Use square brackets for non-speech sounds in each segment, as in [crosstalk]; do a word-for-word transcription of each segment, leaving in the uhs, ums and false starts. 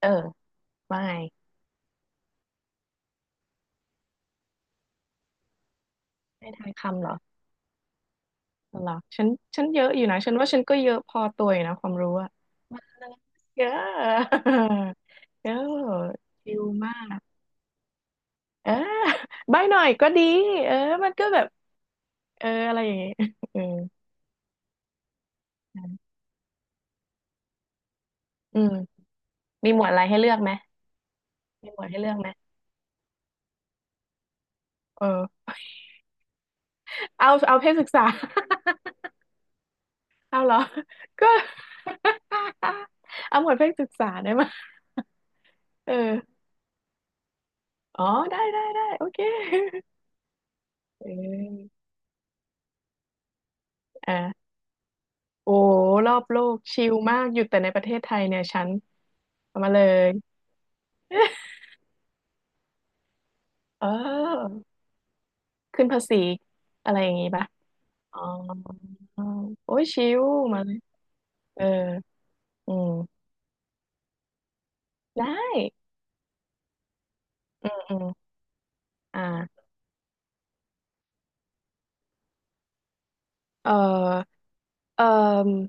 เออว่าไงม่ทายคำเหรอเหรอฉันฉันเยอะอยู่นะฉันว่าฉันก็เยอะพอตัวอยู่นะความรู้อะเยอะ [laughs] เยอะชิลมากเออใบหน่อยก็ดีเออมันก็แบบเอออะไรอย่างงี้ [laughs] เอออืมมีหมวดอะไรให้เลือกไหมมีหมวดให้เลือกไหมเออเอาเอาเพศศึกษา [laughs] เอาเหรอก็ [laughs] เอาหมวดเพศศึกษาได้ไหมเอออ๋อได้ได้ได้โอเค [laughs] เอออ่า โอ้รอบโลกชิลมากอยู่แต่ในประเทศไทยเนี่ยฉันเอามาเลย [laughs] เออขึ้นภาษีอะไรอย่างงี้ปะอ๋อโอ้ยชิลมาเลยเอออืมได้อืมอมอ่าเออเออ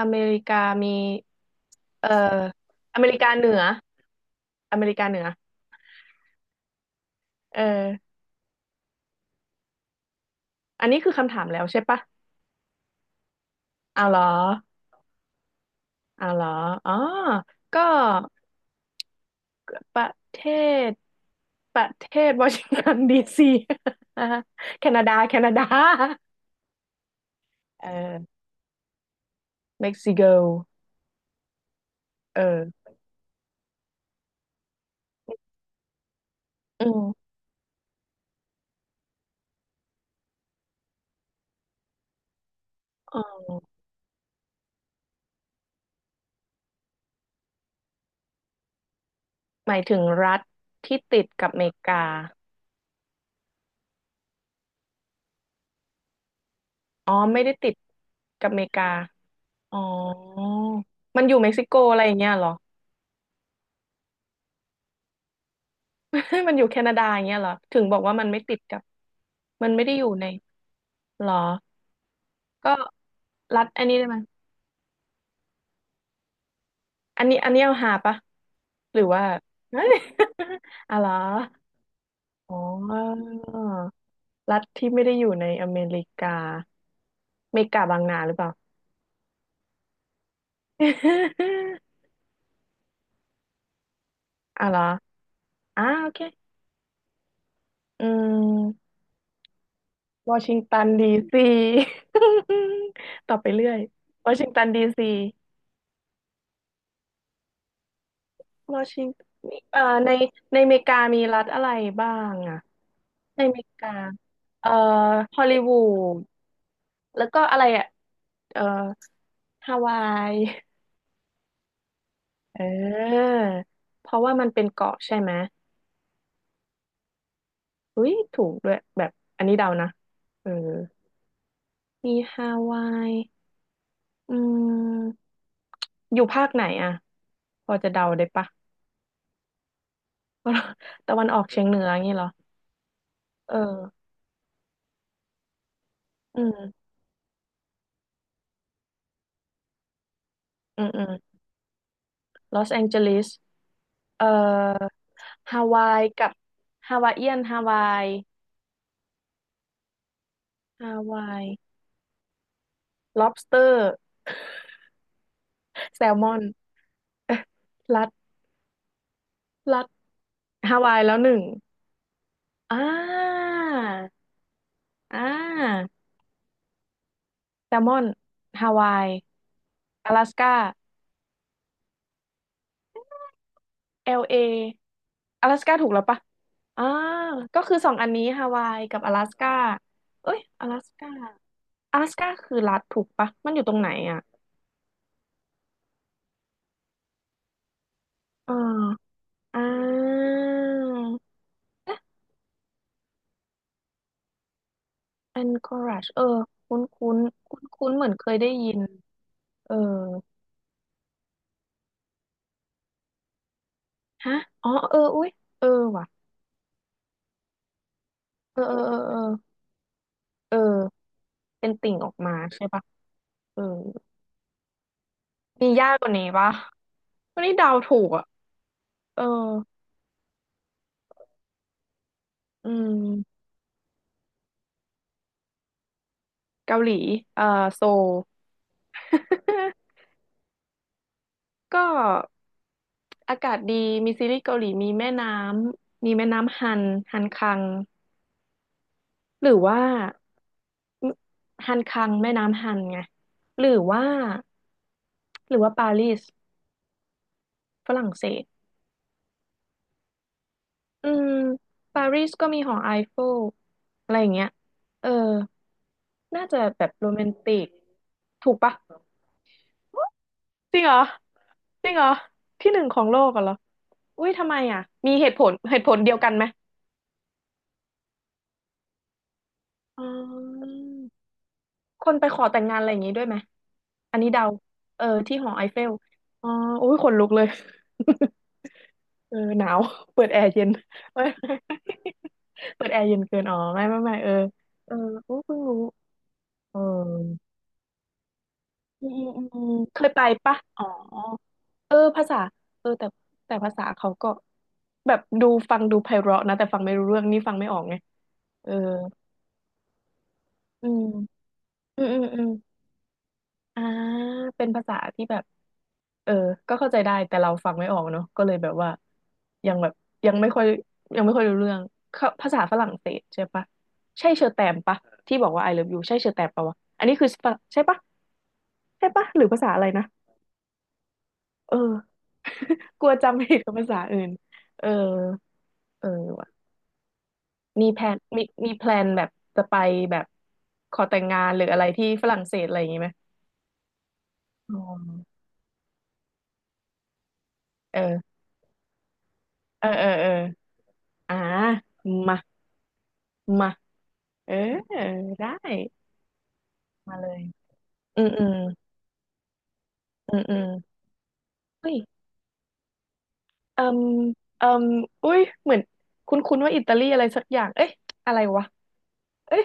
อเมริกามีเอออเมริกาเหนืออเมริกาเหนือเอออันนี้คือคำถามแล้วใช่ปะเอาเหรอเอาเหรออ๋อก็ ประเทศประเทศวอชิงตันดีซีอ่าฮะแคนาดาแคนาดาเออเม็กซิโกเอออืมอ๋อหมายถึงรัฐที่ติดกับเมกาอ๋อไม่ได้ติดกับเมกาอ๋อมันอยู่เม็กซิโกอะไรอย่างเงี้ยเหรอ [laughs] มันอยู่แคนาดาอย่างเงี้ยเหรอถึงบอกว่ามันไม่ติดกับมันไม่ได้อยู่ในเหรอก็รัฐอันนี้ได้ไหมยอันนี้อันนี้เอาหาปะหรือว่า [laughs] อะไรอ อ๋อรัฐที่ไม่ได้อยู่ในอเมริกา เมกาบางนาหรือเปล่า [laughs] อ่ะเหรอ อ่าโอเคอืมวอชิง [laughs] ตันดีซี [laughs] ต่อไปเรื่อยวอชิงตันดีซีวอชิงตันเอ่อในในอเมริกามีรัฐอะไรบ้างอะในอเมริกา เอ่อฮอลลีวูดแล้วก็อะไรอะเอ่อฮาวายเออเพราะว่ามันเป็นเกาะใช่ไหม อุ้ยถูกด้วยแบบอันนี้เดานะเออมีฮาวายอืมอยู่ภาคไหนอ่ะพอจะเดาได้ปะ [laughs] ตะวันออกเฉียงเหนืออย่างงี้เหรอเอออืมอืมอืมลอสแองเจลิสเอ่อฮาวายกับฮาวายเอียนฮาวายฮาวาย lobster [laughs] แซลมอนเอ๊ะ [laughs] รัดรัดฮาวายแล้วหนึ่งอ่าอ่าแซลมอนฮาวาย阿拉斯า แอล เอ 阿拉สก้าถูกแล้วปะอ่าก็คือสองอันนี้ฮาวายกับ阿拉สก้าเอ้ย阿拉สก้า阿拉สก้าคือรัฐถูกปะมันอยู่ตรงไหนอ่ะอ่าอ่า Anchorage เออคุ้นคุ้นคุ้นคุ้นๆเหมือนเคยได้ยิน เออฮะ อ๋อเอออุ้ยเออว่ะเออเออเออเออเออเป็นติ่งออกมาใช่ปะเออมียากกว่านี้ปะวันนี้เดาถูกอ่ะเอออืมเกาหลีเอ่อโซล [laughs] ก็อากาศดีมีซีรีส์เกาหลีมีแม่น้ำมีแม่น้ำฮันฮันคังหรือว่าฮันคังแม่น้ำฮันไงหรือว่าหรือว่าปารีสฝรั่งเศสอืมปารีสก็มีหอไอเฟลอะไรอย่างเงี้ยเออน่าจะแบบโรแมนติกถูกปะจริงเหรอจริงเหรอที่หนึ่งของโลกอะเหรออุ้ยทำไมอ่ะมีเหตุผลเหตุผลเดียวกันไหมอ๋อ คนไปขอแต่งงานอะไรอย่างงี้ด้วยไหม อันนี้เดาเออที่หอไอเฟลอ๋ออุ้ยขนลุกเลย [laughs] เออหนาวเปิดแอร์เย็น [laughs] เออเปิดแอร์เย็นเกินอ๋อไม่ไม่ไม่เออเออโอ้เพิ่งรู้เอออืมอืมอืมเคยไปปะอ๋อเออภาษาเออแต่แต่ภาษาเขาก็แบบดูฟังดูไพเราะนะแต่ฟังไม่รู้เรื่องนี่ฟังไม่ออกไงเอออืมอืมอืมอืมอ่าเป็นภาษาที่แบบ เออก็เข้าใจได้ แต่เราฟังไม่ออกเนาะก็เลยแบบว่ายังแบบยังไม่ค่อยยังไม่ค่อยรู้เรื่องเขาภาษาฝรั่งเศสใช่ปะใช่เชอแตมปะที่บอกว่า I love you ใช่เชอแตมปะวะอันนี้คือฝรั่งใช่ปะใช่ปะหรือภาษาอะไรนะเออ [laughs] กลัวจำผิดกับภาษาอื่นเออเออว่ะมีแพลนมีมีแพลนแบบจะไปแบบขอแต่งงานหรืออะไรที่ฝรั่งเศสอะไรอย่างงี้ไหมอ๋อเออเออเออเอออ่ามามาเออได้ มาเลยอืมอืมอืมอืมเฮ้ยเอืมเอืมอุ้ยเหมือนคุ้นๆว่าอิตาลีอะไรสักอย่างเอ๊ะอะไรวะ เอ๊ะ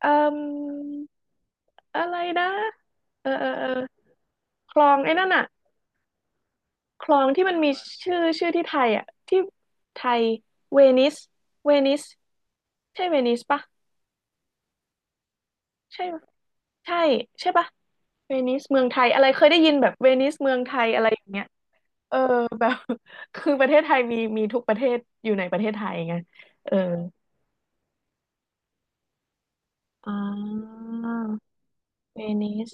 เอืมอะไรนะเออเออเออคลองไอ้นั่นอะคลองที่มันมีชื่อชื่อที่ไทยอะที่ไทยเวนิสเวนิสใช่เวนิสปะใช่ปะใช่ใช่ปะเวนิสเมืองไทยอะไรเคยได้ยินแบบเวนิสเมืองไทยอะไรอย่างเงี้ย แบบ [laughs] คือประเทศไทยมีมีทุกประเทศอยู่ในประเทศไทยไงเอออ่าเวนิส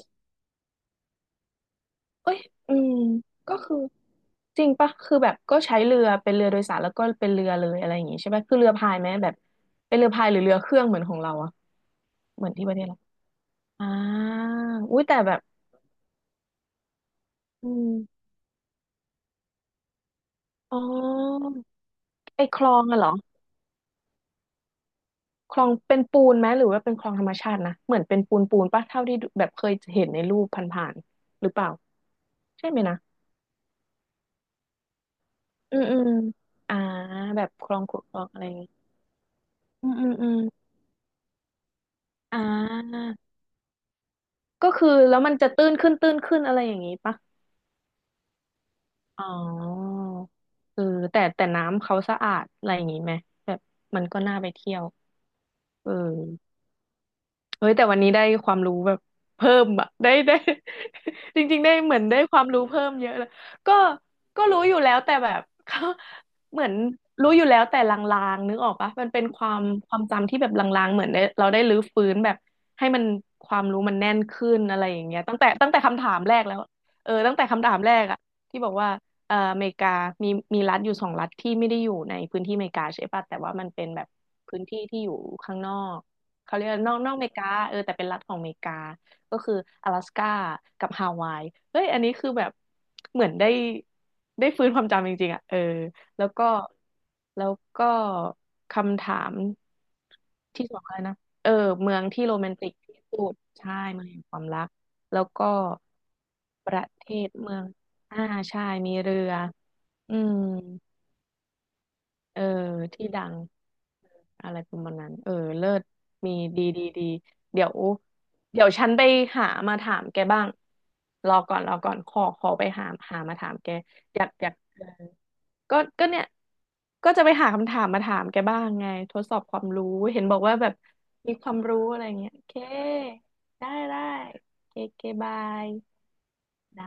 เอ้ยอืมก็คือจริงปะคือแบบก็ใช้เรือเป็นเรือโดยสารแล้วก็เป็นเรือเลยอะไรอย่างงี้ใช่ปะคือเรือพายไหมแบบเป็นเรือพายหรือเรือเครื่องเหมือนของเราอะเหมือนที่ประเทศเราอ่าอุ้ยแต่แบบอืมอ๋อไอคลองอะเหรอคลองเป็นปูนไหมหรือว่าเป็นคลองธรรมชาตินะเหมือนเป็นปูนปูนปะเท่าที่ดูแบบเคยเห็นในรูปผ่านๆหรือเปล่าใช่ไหมนะ อืมอืมอ่าแบบคลองขุดคลองอะไรอย่างงี้อืมอืมอืมอ่าก็คือแล้วมันจะตื้นขึ้นตื้นขึ้นอะไรอย่างงี้ปะอ๋อเออแต่แต่น้ำเขาสะอาดอะไรอย่างงี้ไหมแบบมันก็น่าไปเที่ยวเออ เฮ้ยแต่วันนี้ได้ความรู้แบบเพิ่มอะได้ได้ [laughs] จริงๆได้เหมือนได้ความรู้เพิ่มเยอะเลยก็ก็รู้อยู่แล้วแต่แบบเขาเหมือนรู้อยู่แล้วแต่ลางๆนึกออกปะมันเป็นความความจำที่แบบลางๆเหมือนได้เราได้รื้อฟื้นแบบให้มันความรู้มันแน่นขึ้นอะไรอย่างเงี้ยตั้งแต่ตั้งแต่คำถามแรกแล้วเออตั้งแต่คำถามแรกอะที่บอกว่าเอ่ออเมริกามีมีรัฐอยู่สองรัฐที่ไม่ได้อยู่ในพื้นที่อเมริกาใช่ปะแต่ว่ามันเป็นแบบพื้นที่ที่อยู่ข้างนอก เขาเรียกว่านอกนอกอเมริกาเออแต่เป็นรัฐของอเมริกาก็คืออะแลสก้ากับฮาวายเฮ้ยอันนี้คือแบบเหมือนได้ได้ฟื้นความจำจริงๆอ่ะเออแล้วก็แล้วก็คำถามที่สองอะไรนะเออเมืองที่โรแมนติกที่สุดใช่เมืองแห่งความรักแล้วก็ประเทศเมืองอ่าใช่มีเรืออืม เออที่ดังอะไรประมาณนั้นเออเลิศมีดีดีดีเดี๋ยวเดี๋ยวฉันไปหามาถามแกบ้างรอก่อนรอก่อนขอขอไปหาหามาถามแกอยากอยากเออก็ก็เนี่ยก็จะไปหาคำถามมาถามแกบ้างไงทดสอบความรู้เห็นบอกว่าแบบมีความรู้อะไรเงี้ยโอเคได้ได้โอเคโอเคบายได้